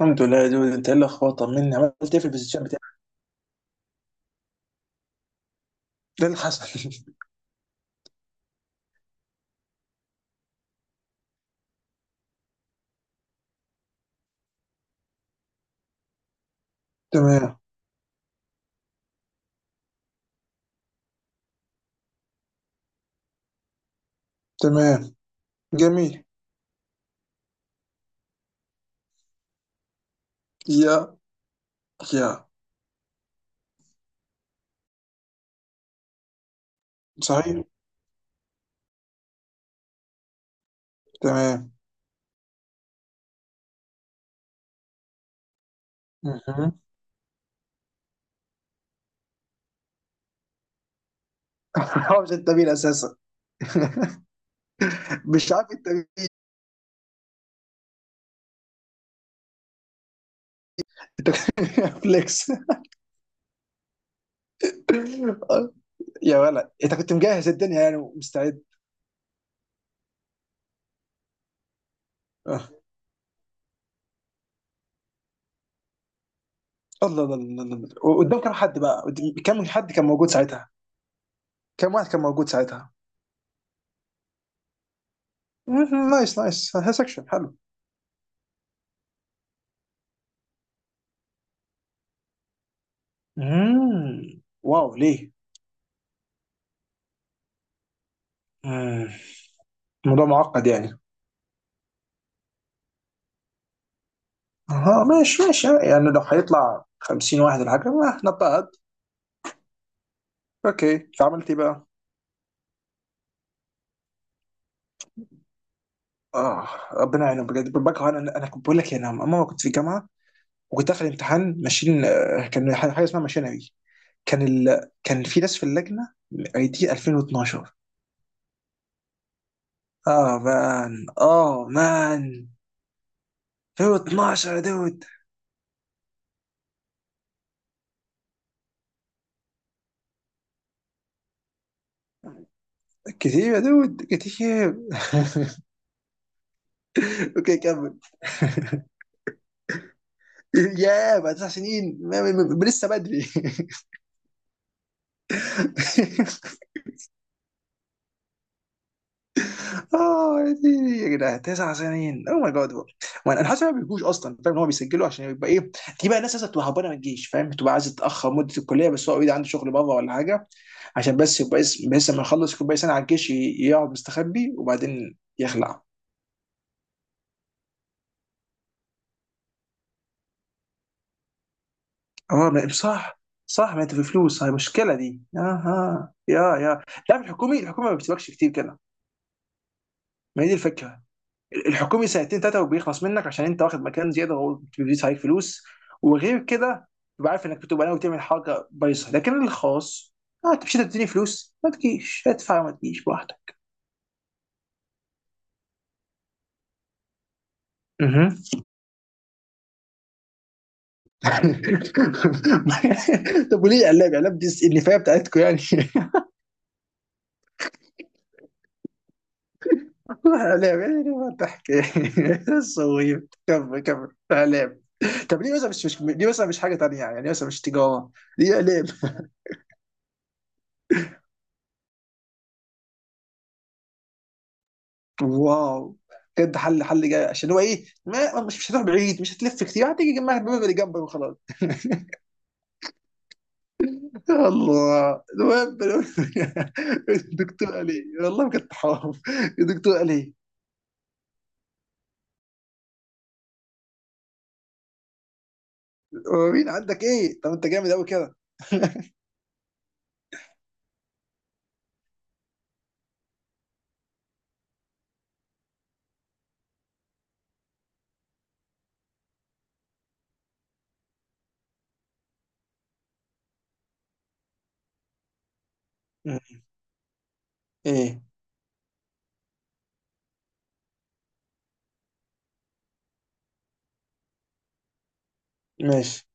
الحمد لله يا دود، انت ايه الاخبار؟ طمني، عملت ايه في البوزيشن بتاعك؟ ايه اللي حصل؟ تمام. تمام. جميل. يا يا صحيح. تمام. مهم. هو مش التمرين اساسا. مش عارف إيه التمرين. انت فليكس. يا ولد، انت كنت مجهز الدنيا يعني ومستعد. اه. الله الله الله الله الله. وقدام كم حد بقى، كم حد كان موجود ساعتها؟ كم واحد كان موجود ساعتها؟ مهم. نايس نايس. سكشن حلو. مم. واو، ليه؟ مم. الموضوع معقد يعني. ها، ماشي ماشي، يعني لو هيطلع 50 واحد ولا حاجه ما نضطهد. اوكي، فعملت ايه بقى؟ اه، ربنا يعينهم بجد. بكره، انا كنت بقول لك يعني، انا ماما كنت في جامعه وكنت داخل امتحان ماشين، كان حاجه اسمها ماشينري. كان في ناس في اللجنه اي دي 2012. اه مان. اه مان. 2012 يا دود، كتير يا دود، كتير. اوكي، كمل. يا بعد تسع سنين لسه بدري. اه يا ديني، يا جدعان تسع سنين او ماي جاد. وانا حاسس إن هو ما بيجوش اصلا، فاهم، ان هو بيسجلوا عشان يبقى ايه. دي بقى ناس لسه بتبقى هربانه من الجيش، فاهم، بتبقى عايزه تتاخر مده الكليه. بس هو اوريدي عنده شغل بره ولا حاجه، عشان بس يبقى اسم. بس لما يخلص يكون باقي سنه على الجيش، يقعد مستخبي وبعدين يخلع. اه صح. صح، ما انت في فلوس هي المشكله دي. اها. يا لا، في الحكومي، الحكومه ما بتسيبكش كتير كده. ما هي دي الفكره. الحكومي سنتين ثلاثه وبيخلص منك، عشان انت واخد مكان زياده، وبيزيد عليك فلوس. وغير كده، تبقى عارف انك بتبقى ناوي تعمل حاجه بايظه. لكن الخاص، انت مش هتديني فلوس؟ ما تجيش ادفع، ما تجيش براحتك. مهم. طب وليه اعلام؟ اعلام دي النفايه بتاعتكم يعني. اعلام يعني، ما تحكي. صغير، كمل كمل اعلام. طب ليه مثلا مش ليه مثلا مش حاجه تانيه يعني؟ ليه مثلا مش تجاره؟ ليه اعلام؟ واو. بجد، حل، حل جاي. عشان هو ايه، ما مش هتروح بعيد، مش هتلف كتير، هتيجي جنبها، الباب اللي جنبك وخلاص. يا الله، المهم. الدكتور قال ايه؟ والله بجد حرام. الدكتور قال ايه؟ هو مين عندك ايه؟ طب انت جامد قوي كده. مم. ايه. ماشي،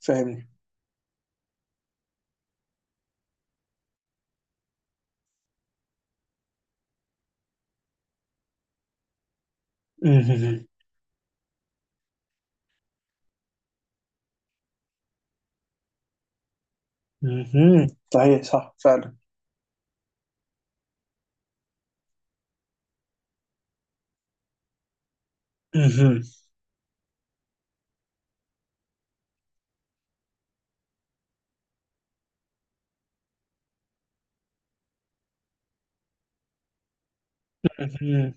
فاهمني. مهم. مهم. صحيح، صح فعلا. مهم. مهم.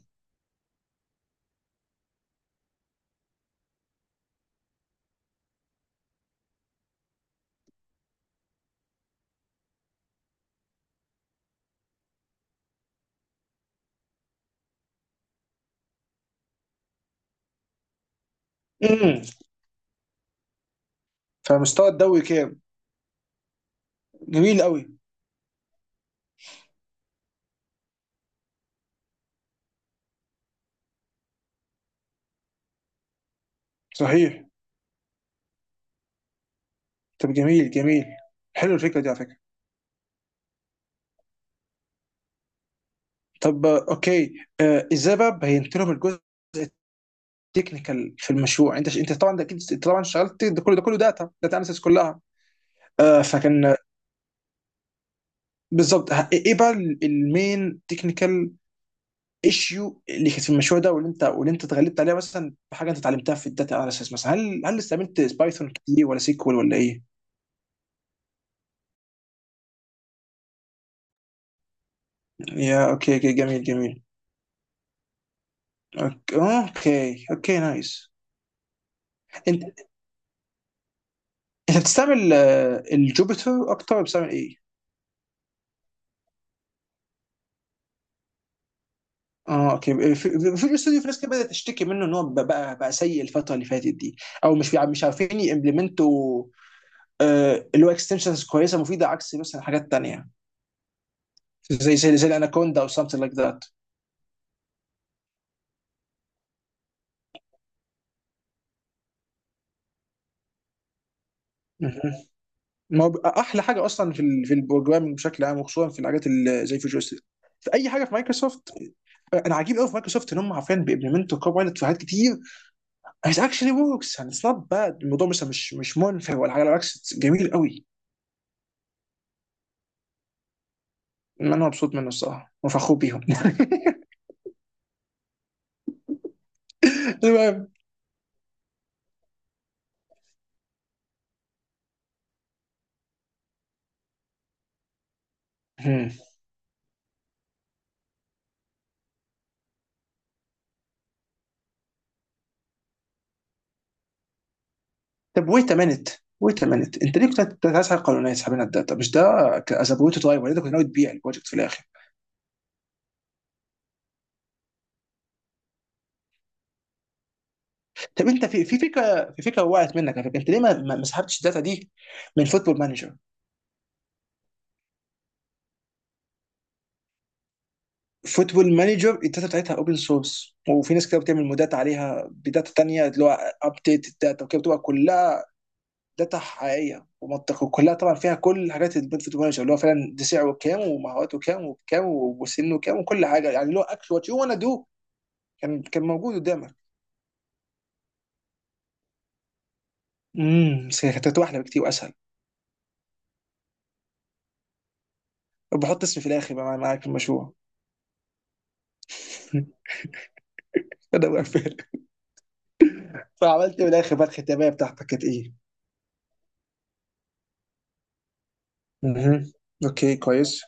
مم. فمستوى الدوري كام؟ جميل قوي. صحيح. طب جميل جميل. حلو الفكره دي على فكره. طب، اوكي. ازاي بقى بينت لهم الجزء التكنيكال في المشروع؟ انت طبعا ده اكيد، انت طبعا اشتغلت ده كله، ده كله داتا، داتا اناليسيس كلها. فكان بالظبط. ايه بقى المين تكنيكال ايشيو اللي كانت في المشروع ده، واللي انت، واللي انت اتغلبت عليها مثلا بحاجه انت اتعلمتها في الداتا اناليسيس مثلا؟ هل استعملت بايثون كتير ولا سيكوال ولا ايه؟ يا اوكي اوكي، جميل جميل. اوكي اوكي، أوكي نايس. انت انت بتستعمل الجوبيتر اكتر، ولا بتستعمل ايه؟ اه اوكي. في، في استوديو في ناس كده بدات تشتكي منه، ان هو بقى سيء الفتره اللي فاتت دي. او مش عارفين يمبلمنتوا اللي هو اكستنشنز كويسه مفيده، عكس مثلا حاجات تانيه. زي الاناكوندا او something like that. مهم. ما هو بقى احلى حاجه اصلا في ال، في البروجرامنج بشكل عام، وخصوصا في الحاجات اللي زي فيجوال ستوديو، في اي حاجه في مايكروسوفت. انا عجيب قوي في مايكروسوفت، ان هم عارفين بيمبلمنتوا كوبايلوت في حاجات كتير. اتس اكشلي وركس يعني، اتس نوت باد. الموضوع مثلا مش منفر ولا حاجه، بالعكس it's جميل قوي. ما انا مبسوط منه الصراحه وفخور بيهم. المهم. هم. طب ويت مينت. ويت مينت انت ليه كنت عايز حاجه قانونيه تسحب لنا الداتا؟ مش ده ازابويت درايفر؟ انت كنت ناوي تبيع البروجكت في الاخر؟ طب انت في، في فكره وقعت منك على فكره، انت ليه ما سحبتش الداتا دي من فوتبول مانجر؟ فوتبول مانجر الداتا بتاعتها اوبن سورس، وفي ناس كده بتعمل مودات عليها بداتا تانية، اللي هو ابديت الداتا وكده، بتبقى كلها داتا حقيقيه ومنطقيه، وكلها طبعا فيها كل حاجات البنفيت مانجر، اللي هو فعلا ده سعره كام ومهاراته كام وبكام وسنه كام وكل حاجه يعني، اللي هو اكشن وات يو وانا دو. كان موجود قدامك. امم، بس كانت هتبقى احلى بكتير واسهل. وبحط اسمي في الاخر بقى معاك في المشروع. ده بقفل. فعملت إيه في الاخر بقى؟ الختاميه بتاعتك كانت ايه؟ مهم. اوكي، كويس.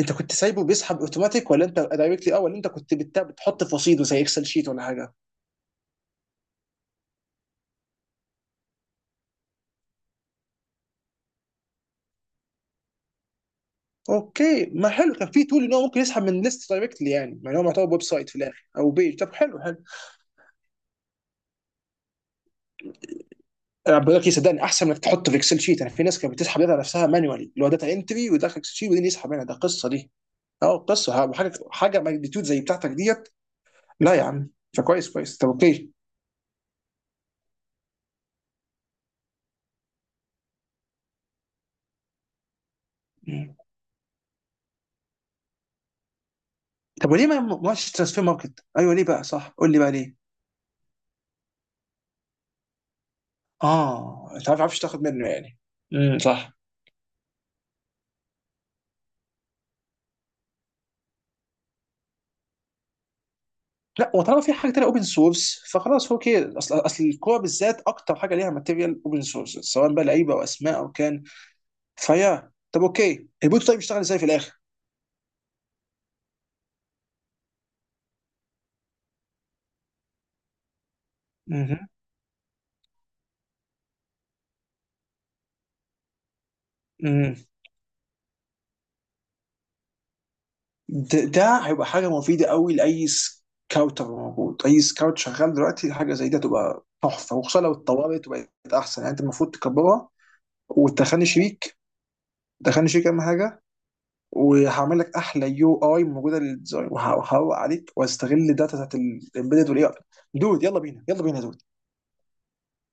انت كنت سايبه بيسحب اوتوماتيك، ولا انت دايركتلي، اه، ولا انت كنت بتحط في رصيد زي اكسل شيت ولا حاجه؟ اوكي، ما حلو. كان في تول ان هو ممكن يسحب من ليست دايركتلي يعني، يعني هو معتبر ويب سايت في الاخر او بيج. طب حلو حلو. انا بقول لك صدقني، احسن انك تحطه في اكسل شيت. يعني في ناس كانت بتسحب داتا نفسها مانوالي، اللي هو داتا انتري، ويدخل اكسل شيت وبعدين يسحب منها، ده قصه دي. اه قصه، حاجه ماجنتيود زي بتاعتك ديت. لا يا عم. فكويس كويس. طب اوكي. مم. طب وليه ما ما ماشي ترانسفير ماركت، ايوه، ليه بقى؟ صح، قول لي بقى ليه. اه، انت عارف عارفش تاخد منه يعني. امم، صح. لا، وطالما في حاجه تانية اوبن سورس، فخلاص. هو كده اصل، اصل الكوره بالذات اكتر حاجه ليها ماتيريال اوبن سورس، سواء بقى لعيبه او اسماء او كان. فيا، طب اوكي. البوت طيب يشتغل ازاي في الاخر؟ مهم. مم. ده هيبقى حاجه مفيده قوي لاي سكاوتر موجود. اي سكاوت شغال دلوقتي حاجه زي ده تبقى تحفه، وخصوصا لو اتطورت وبقت احسن. يعني انت المفروض تكبرها وتدخلني شريك. دخلني شريك اهم حاجه. وهعمل لك احلى يو اي موجوده للديزاين وهروق عليك، واستغل الداتا بتاعت الامبيدد والاي اي. دود، يلا بينا يلا بينا يا دود.